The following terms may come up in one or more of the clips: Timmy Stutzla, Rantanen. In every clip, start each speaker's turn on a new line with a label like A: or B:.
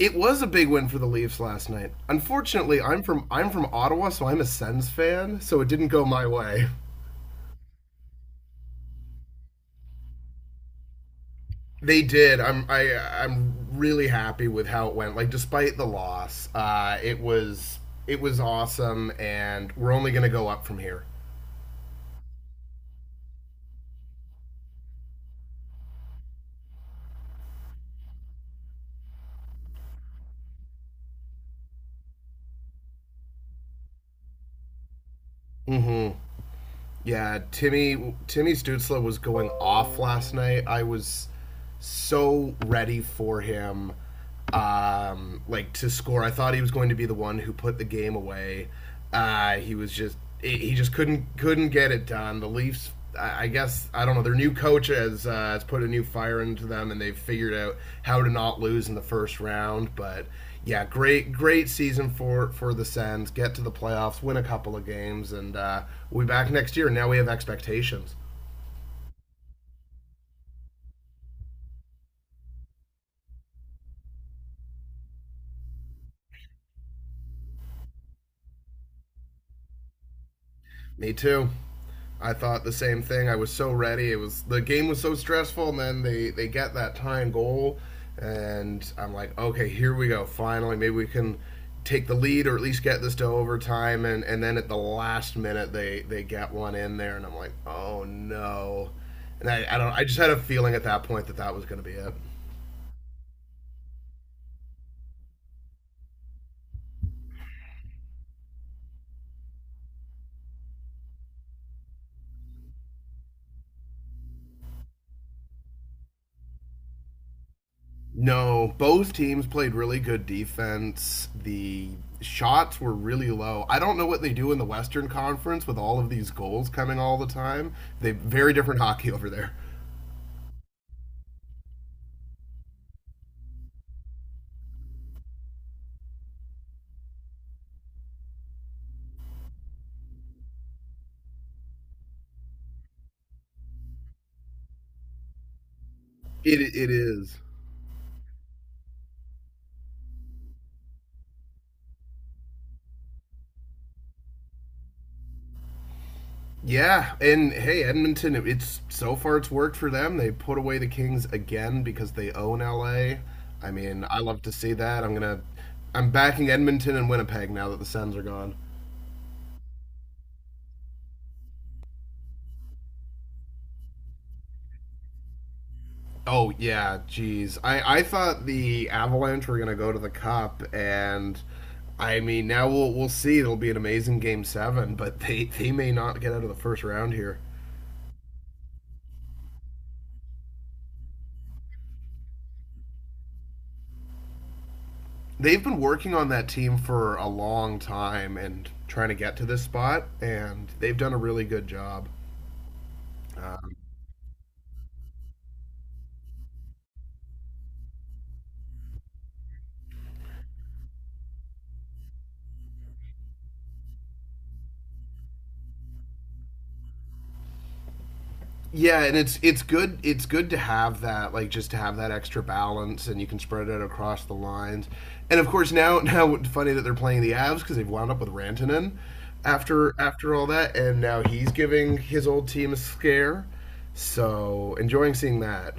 A: It was a big win for the Leafs last night. Unfortunately, I'm from Ottawa, so I'm a Sens fan, so it didn't go my way. They did. I'm really happy with how it went. Like despite the loss, it was awesome, and we're only going to go up from here. Mm-hmm. Yeah, Timmy Stutzla was going off last night. I was so ready for him like to score. I thought he was going to be the one who put the game away. He was just he just couldn't get it done. The Leafs, I guess, I don't know. Their new coach has put a new fire into them, and they've figured out how to not lose in the first round. But yeah, great season for the Sens. Get to the playoffs, win a couple of games, and we'll be back next year. Now we have expectations. Me too. I thought the same thing. I was so ready. It was, the game was so stressful, and then they get that tying goal, and I'm like, okay, here we go. Finally, maybe we can take the lead or at least get this to overtime. And then at the last minute, they get one in there, and I'm like, oh no. And I don't. I just had a feeling at that point that that was going to be it. No, both teams played really good defense. The shots were really low. I don't know what they do in the Western Conference with all of these goals coming all the time. They very different hockey over there. It is. Yeah, and hey, Edmonton. It's so far it's worked for them. They put away the Kings again because they own LA. I mean, I love to see that. I'm backing Edmonton and Winnipeg now that the Sens are gone. Oh yeah, geez. I thought the Avalanche were gonna go to the Cup, and I mean now we'll see. It'll be an amazing Game Seven, but they may not get out of the first round here. They've been working on that team for a long time and trying to get to this spot, and they've done a really good job. Yeah, and it's good to have that, like just to have that extra balance, and you can spread it across the lines. And of course now now it's funny that they're playing the Avs because they've wound up with Rantanen after all that, and now he's giving his old team a scare. So enjoying seeing that.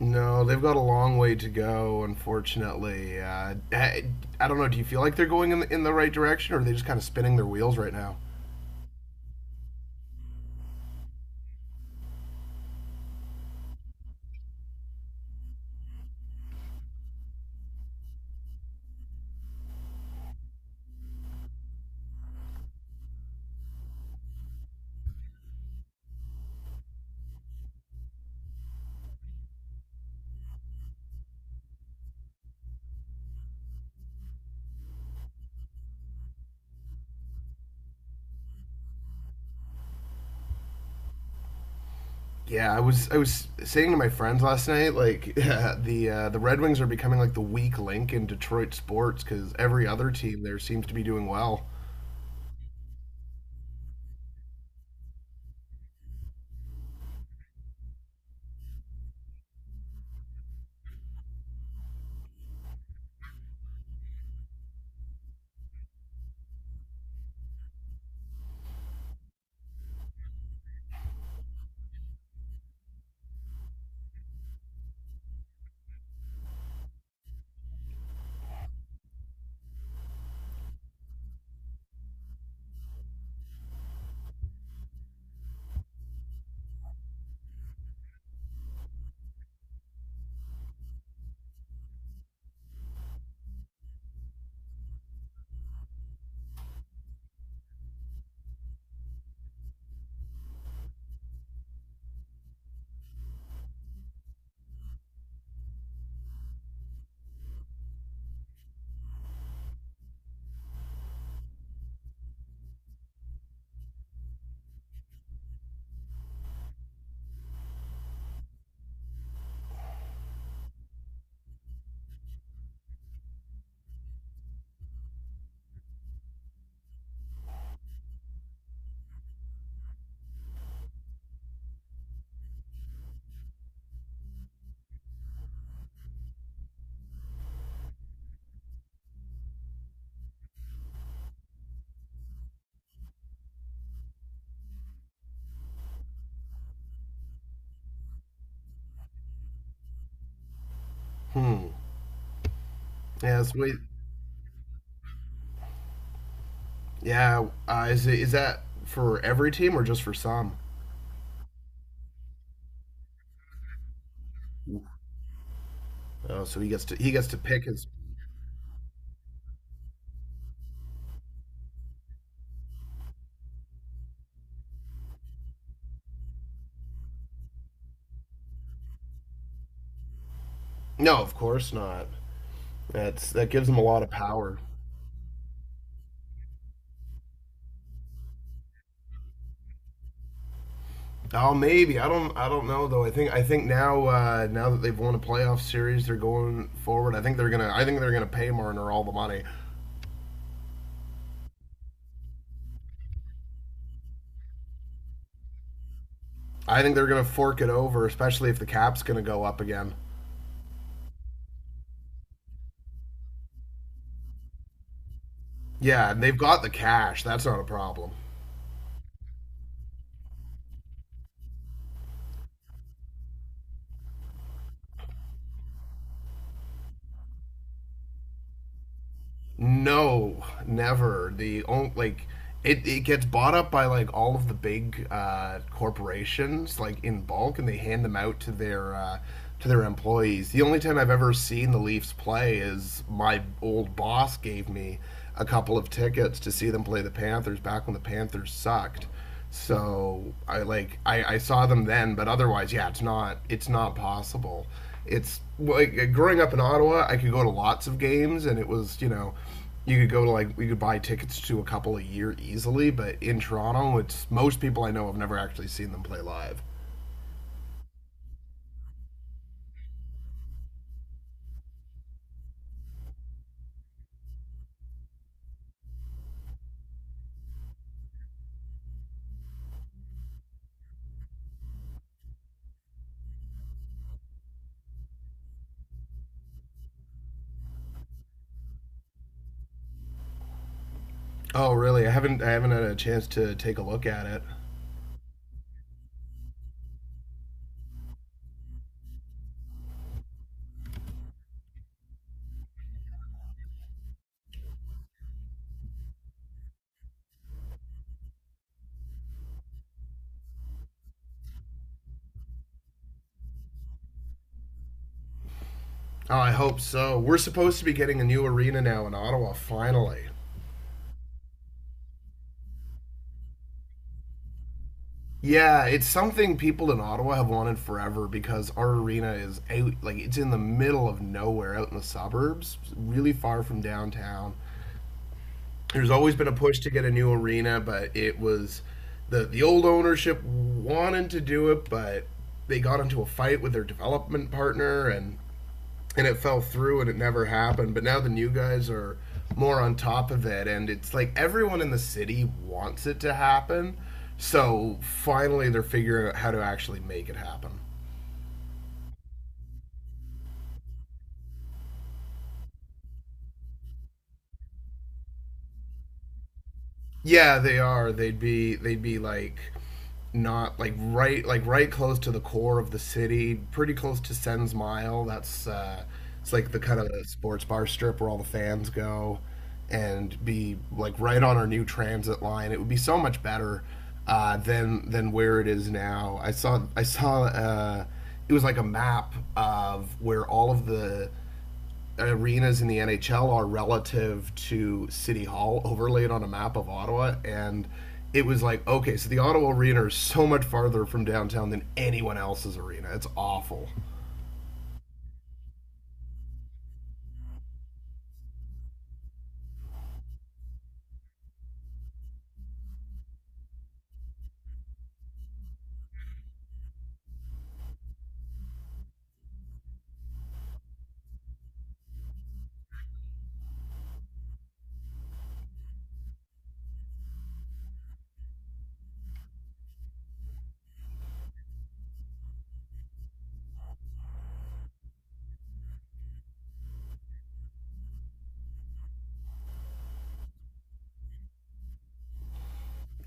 A: No, they've got a long way to go, unfortunately. I don't know. Do you feel like they're going in the right direction, or are they just kind of spinning their wheels right now? Yeah, I was saying to my friends last night, like the Red Wings are becoming like the weak link in Detroit sports because every other team there seems to be doing well. Hmm. Yeah. It's way, yeah. Is it, is that for every team or just for some? Oh, so he gets to pick his. No, of course not. That's that gives him a lot of power. Oh, maybe I don't know though. I think now now that they've won a playoff series, they're going forward. I think they're gonna pay Marner all the money. I think they're going to fork it over, especially if the cap's going to go up again. Yeah, and they've got the cash. That's not a problem. No, never. The only like it gets bought up by like all of the big corporations like in bulk, and they hand them out to their employees. The only time I've ever seen the Leafs play is my old boss gave me a couple of tickets to see them play the Panthers back when the Panthers sucked. So I like I saw them then, but otherwise, yeah, it's not possible. It's like growing up in Ottawa, I could go to lots of games, and it was, you know, you could go to like, we could buy tickets to a couple a year easily. But in Toronto, it's most people I know have never actually seen them play live. Oh, really? I haven't had a chance to take a look at it. Oh, I hope so. We're supposed to be getting a new arena now in Ottawa finally. Yeah, it's something people in Ottawa have wanted forever because our arena is out, like it's in the middle of nowhere, out in the suburbs, really far from downtown. There's always been a push to get a new arena, but it was, the old ownership wanted to do it, but they got into a fight with their development partner and it fell through and it never happened. But now the new guys are more on top of it, and it's like everyone in the city wants it to happen. So finally, they're figuring out how to actually make it happen. Yeah, they are. They'd be like not like right close to the core of the city, pretty close to Sens Mile. That's it's like the kind of sports bar strip where all the fans go and be like right on our new transit line. It would be so much better than where it is now. I saw it was like a map of where all of the arenas in the NHL are relative to City Hall overlaid on a map of Ottawa and it was like okay so the Ottawa arena is so much farther from downtown than anyone else's arena, it's awful.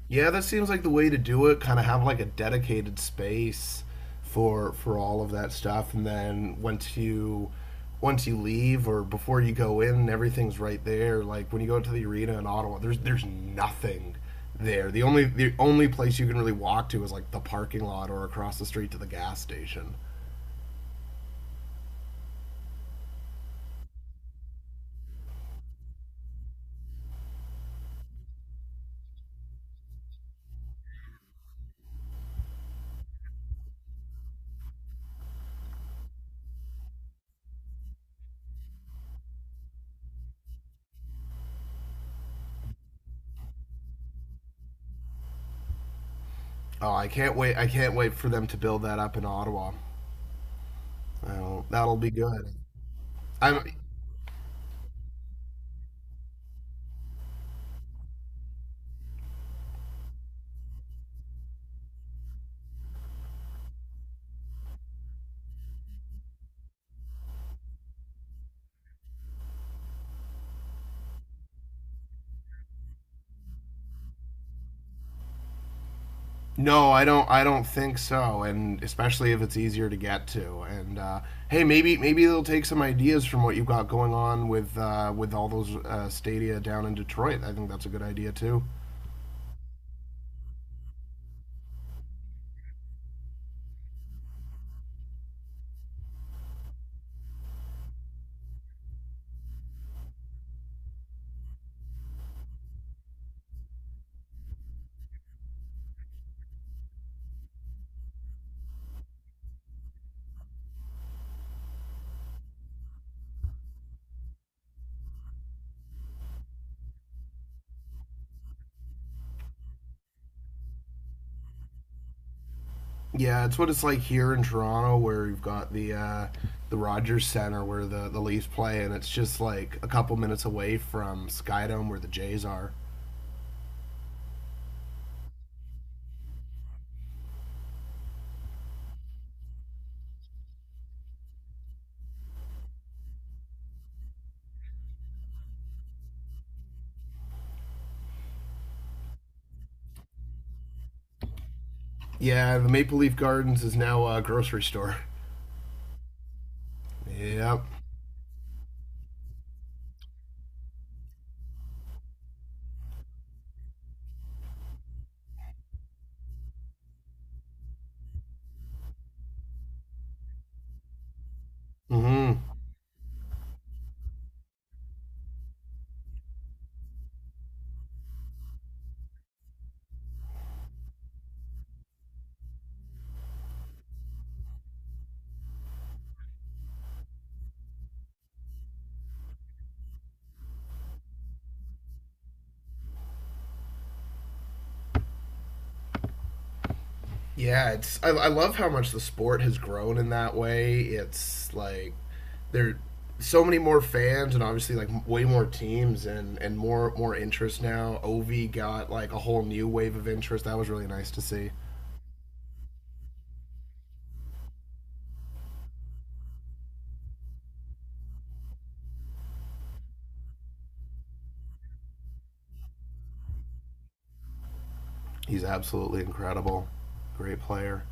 A: Yeah, that seems like the way to do it. Kind of have like a dedicated space for all of that stuff, and then once you leave or before you go in, everything's right there. Like when you go to the arena in Ottawa, there's nothing there. The only place you can really walk to is like the parking lot or across the street to the gas station. Oh, I can't wait! I can't wait for them to build that up in Ottawa. Oh, that'll be good. I'm. No, I don't. I don't think so, and especially if it's easier to get to. And hey, maybe they'll take some ideas from what you've got going on with all those stadia down in Detroit. I think that's a good idea too. Yeah, it's what it's like here in Toronto, where you've got the Rogers Center where the Leafs play, and it's just like a couple minutes away from Skydome where the Jays are. Yeah, the Maple Leaf Gardens is now a grocery store. Yep. Hmm. Yeah, it's, I love how much the sport has grown in that way. It's like there are so many more fans and obviously like way more teams and more interest now. Ovi got like a whole new wave of interest. That was really nice to see. He's absolutely incredible. Great player.